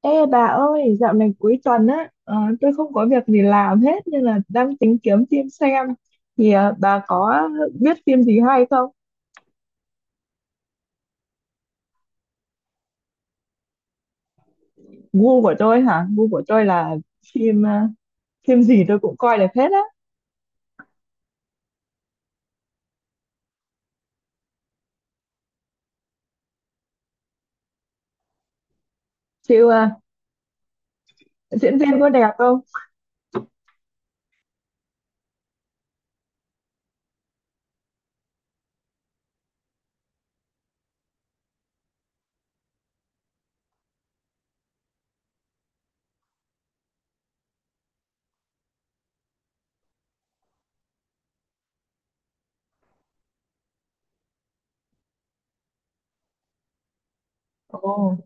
Ê bà ơi, dạo này cuối tuần á, tôi không có việc gì làm hết nên là đang tính kiếm phim xem. Thì bà có biết phim gì hay không? Gu của tôi hả? Gu của tôi là phim phim gì tôi cũng coi được hết á. Chịu à, diễn viên có đẹp không? Ồ,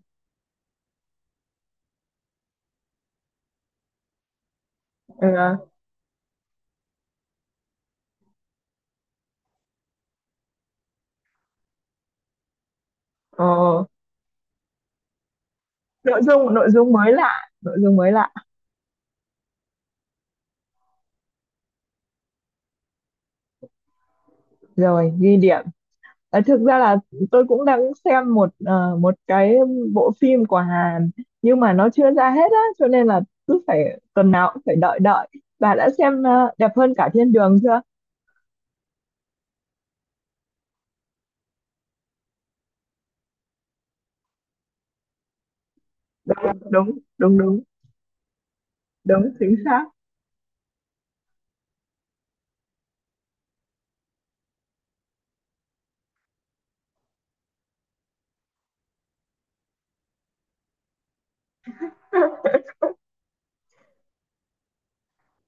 ờ, ồ. Nội dung mới lạ, nội dung mới lạ. Rồi, ghi điểm. Ờ, thực ra là tôi cũng đang xem một một cái bộ phim của Hàn nhưng mà nó chưa ra hết á cho nên là cứ phải tuần nào cũng phải đợi đợi. Bà đã xem đẹp hơn cả thiên đường chưa? Đúng, đúng đúng đúng, đúng chính xác.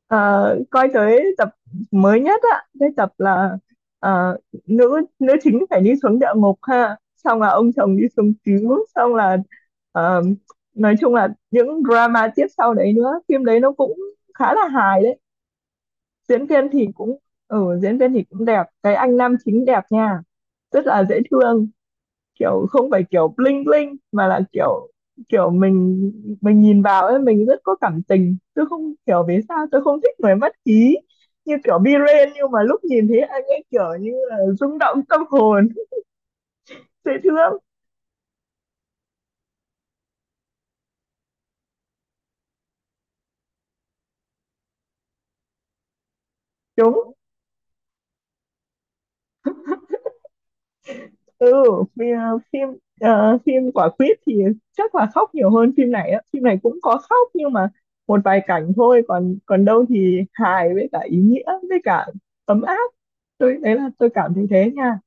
Ờ, coi tới tập mới nhất á, cái tập là ờ, nữ nữ chính phải đi xuống địa ngục ha, xong là ông chồng đi xuống cứu, xong là ờ, nói chung là những drama tiếp sau đấy nữa, phim đấy nó cũng khá là hài đấy. Diễn viên thì cũng diễn viên thì cũng đẹp, cái anh nam chính đẹp nha, rất là dễ thương, kiểu không phải kiểu bling bling mà là kiểu kiểu mình nhìn vào ấy mình rất có cảm tình. Tôi không hiểu vì sao tôi không thích người mất khí như kiểu Biren, nhưng mà lúc nhìn thấy anh ấy kiểu như là rung động tâm hồn. Dễ thương. Đúng. ừ phim phim quả quýt thì chắc là khóc nhiều hơn phim này á. Phim này cũng có khóc nhưng mà một vài cảnh thôi, còn còn đâu thì hài với cả ý nghĩa với cả ấm áp. Tôi đấy là tôi cảm thấy thế nha,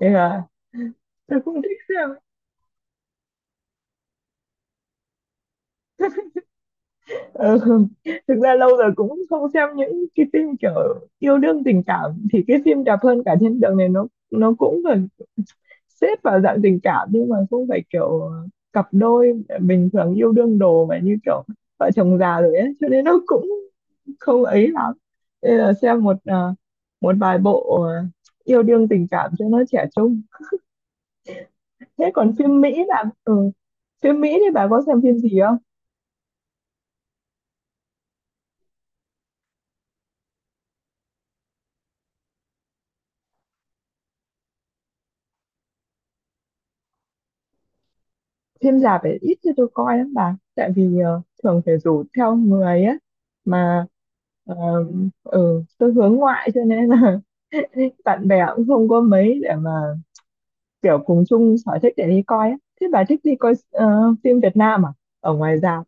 nên là tôi cũng thích xem. Ừ. Thực ra lâu rồi cũng không xem những cái phim kiểu yêu đương tình cảm. Thì cái phim đẹp hơn cả thiên đường này nó cũng gần xếp vào dạng tình cảm, nhưng mà không phải kiểu cặp đôi bình thường yêu đương đồ, mà như kiểu vợ chồng già rồi ấy, cho nên nó cũng không ấy lắm. Nên là xem một một vài bộ yêu đương tình cảm cho nó trẻ trung. Thế còn phim Mỹ là phim Mỹ thì bà có xem phim gì không? Phim rạp phải ít cho tôi coi lắm bà, tại vì thường phải rủ theo người á, mà ờ, tôi hướng ngoại cho nên là bạn bè cũng không có mấy để mà kiểu cùng chung sở thích để đi coi á. Thế bà thích đi coi phim Việt Nam à? Ở ngoài rạp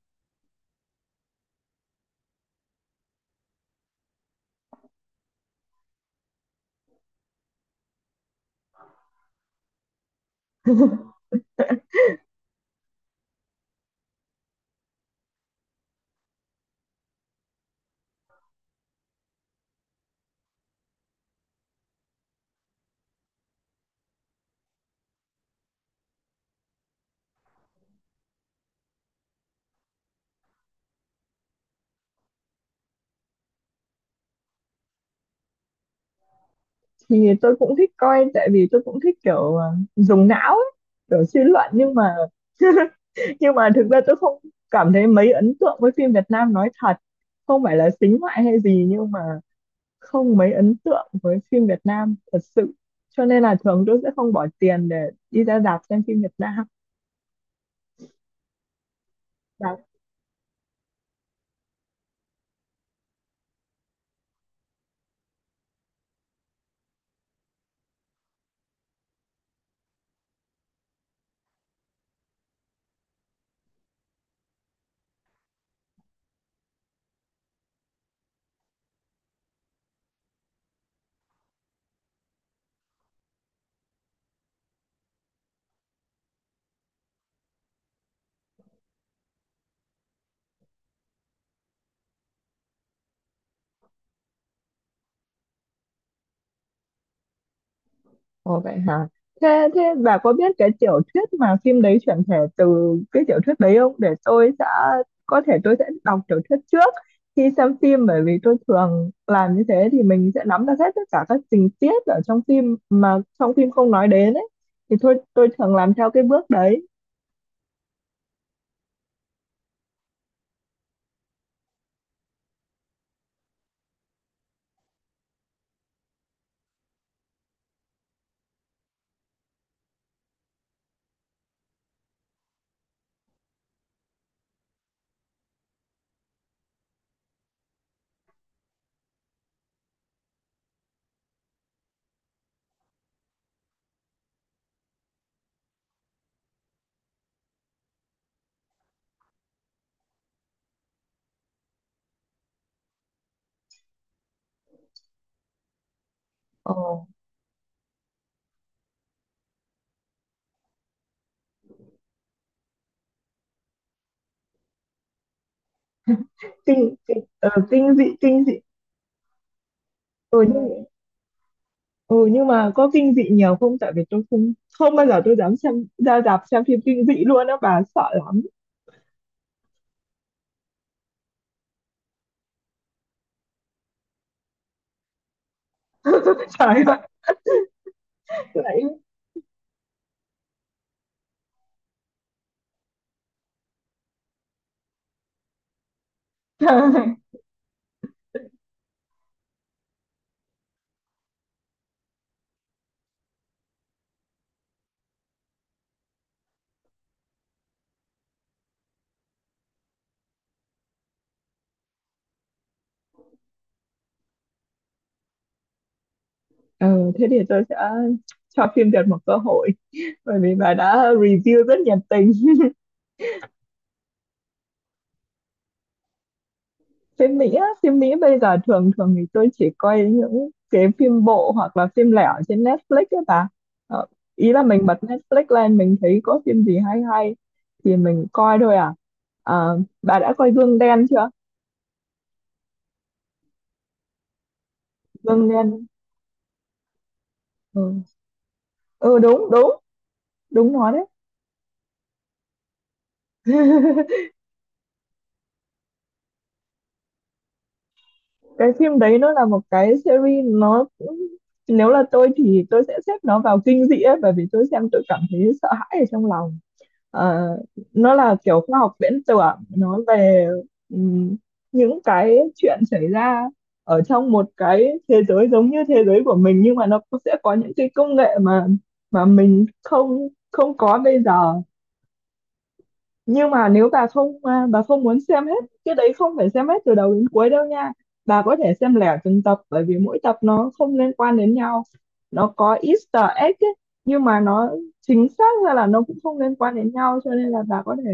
thì tôi cũng thích coi, tại vì tôi cũng thích kiểu dùng não ấy, kiểu suy luận, nhưng mà nhưng mà thực ra tôi không cảm thấy mấy ấn tượng với phim Việt Nam, nói thật. Không phải là xính ngoại hay gì, nhưng mà không mấy ấn tượng với phim Việt Nam thật sự, cho nên là thường tôi sẽ không bỏ tiền để đi ra rạp xem phim Việt Nam. Ồ vậy hả? Thế thế bà có biết cái tiểu thuyết mà phim đấy chuyển thể từ cái tiểu thuyết đấy không? Để tôi sẽ có thể tôi sẽ đọc tiểu thuyết trước khi xem phim, bởi vì tôi thường làm như thế thì mình sẽ nắm được hết tất cả các tình tiết ở trong phim mà trong phim không nói đến ấy. Thì thôi tôi thường làm theo cái bước đấy. Ồ. Kinh kinh ờ, kinh dị, kinh dị. Ừ nhưng mà có kinh dị nhiều không? Tại vì tôi không, không bao giờ tôi dám xem ra rạp xem phim kinh dị luôn á bà, sợ lắm. Trời ơi. Ừ, thế thì tôi sẽ cho phim Việt một cơ hội, bởi vì bà đã review rất nhiệt tình. Phim Mỹ á, phim Mỹ bây giờ thường thường thì tôi chỉ coi những cái phim bộ hoặc là phim lẻ ở trên Netflix ấy bà. ờ, Ý là mình bật Netflix lên mình thấy có phim gì hay hay thì mình coi thôi à. Ờ, bà đã coi Gương Đen chưa? Gương Đen. Ừ, ừ đúng đúng đúng, nó đấy. Cái phim đấy nó là một cái series. Nó cũng, nếu là tôi thì tôi sẽ xếp nó vào kinh dị ấy, bởi vì tôi xem tôi cảm thấy sợ hãi ở trong lòng. Ờ, nó là kiểu khoa học viễn tưởng. Nó về ừm, những cái chuyện xảy ra ở trong một cái thế giới giống như thế giới của mình, nhưng mà nó cũng sẽ có những cái công nghệ mà mình không không có bây giờ. Nhưng mà nếu bà không, à, bà không muốn xem hết cái đấy, không phải xem hết từ đầu đến cuối đâu nha. Bà có thể xem lẻ từng tập bởi vì mỗi tập nó không liên quan đến nhau. Nó có Easter egg ấy, nhưng mà nó chính xác ra là nó cũng không liên quan đến nhau, cho nên là bà có thể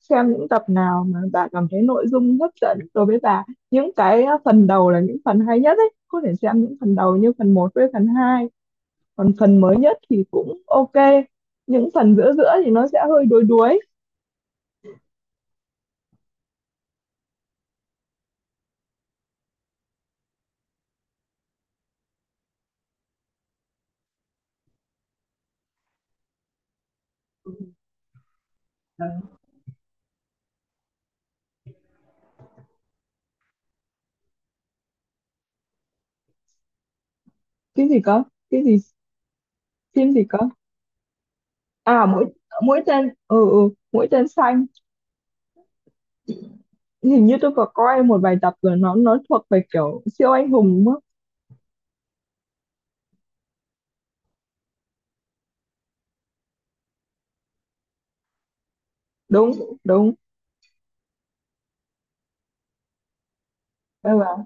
xem những tập nào mà bà cảm thấy nội dung hấp dẫn đối với bà. Những cái, à, phần đầu là những phần hay nhất ấy, có thể xem những phần đầu như phần một với phần 2, còn phần mới nhất thì cũng ok. Những phần giữa giữa thì nó sẽ hơi đuối đuối. Cái gì cơ? Cái gì? Phim gì cơ? À mũi Mũi tên, mũi tên xanh. Hình như tôi có coi một vài tập rồi. Nó thuộc về kiểu siêu anh hùng đúng không? Đúng đúng. Ừ, và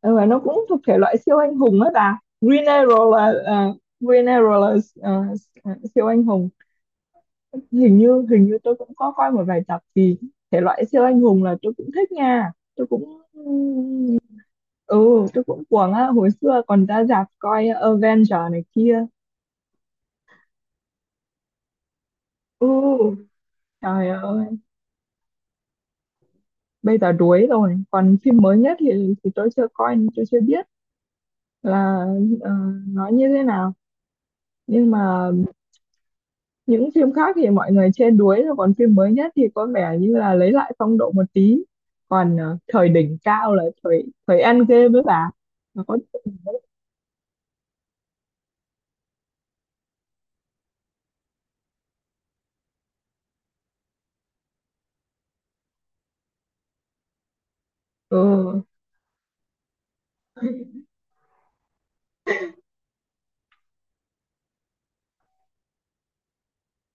ừ, và nó cũng thuộc thể loại siêu anh hùng đó bà. Green Arrow là Green Arrow là ờ, siêu anh hùng. Hình như hình như tôi cũng có coi một vài tập. Thì thể loại siêu anh hùng là tôi cũng thích nha, tôi cũng, ừ tôi cũng cuồng á, hồi xưa còn ra rạp coi Avenger này kia. Ừ, trời ơi, bây giờ đuối rồi. Còn phim mới nhất thì tôi chưa coi, nên tôi chưa biết là ờ, nó như thế nào. Nhưng mà những phim khác thì mọi người chê đuối rồi, còn phim mới nhất thì có vẻ như là lấy lại phong độ một tí. Còn thời đỉnh cao là thời thời Endgame với bà. Nó có ừ.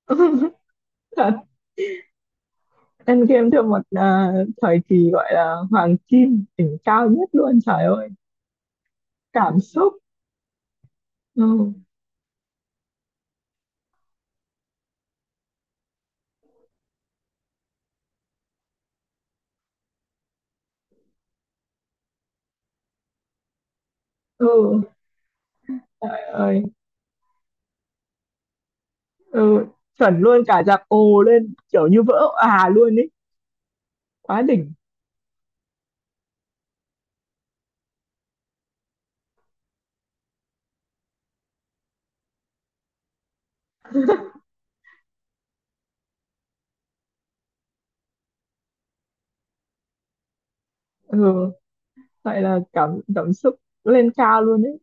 Thật, Endgame theo một thời kỳ gọi là hoàng kim đỉnh cao nhất luôn, trời ơi, cảm xúc. Ừ. Ừ. Ừ, chuẩn luôn, cả dạp ồ lên kiểu như vỡ òa luôn ấy, quá đỉnh. Ừ, vậy là cảm cảm xúc lên cao luôn ấy,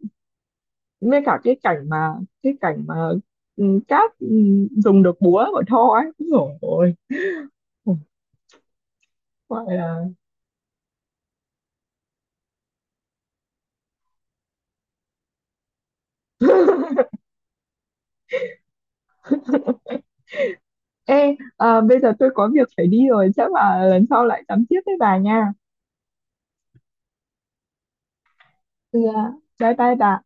với cả cái cảnh mà ừ, cát ừ, dùng được búa của Thor ấy rồi, gọi là, ê à, bây giờ tôi có việc phải đi rồi, chắc là lần sau lại tắm tiếp với bà nha. ừ, à, Bye bye bà.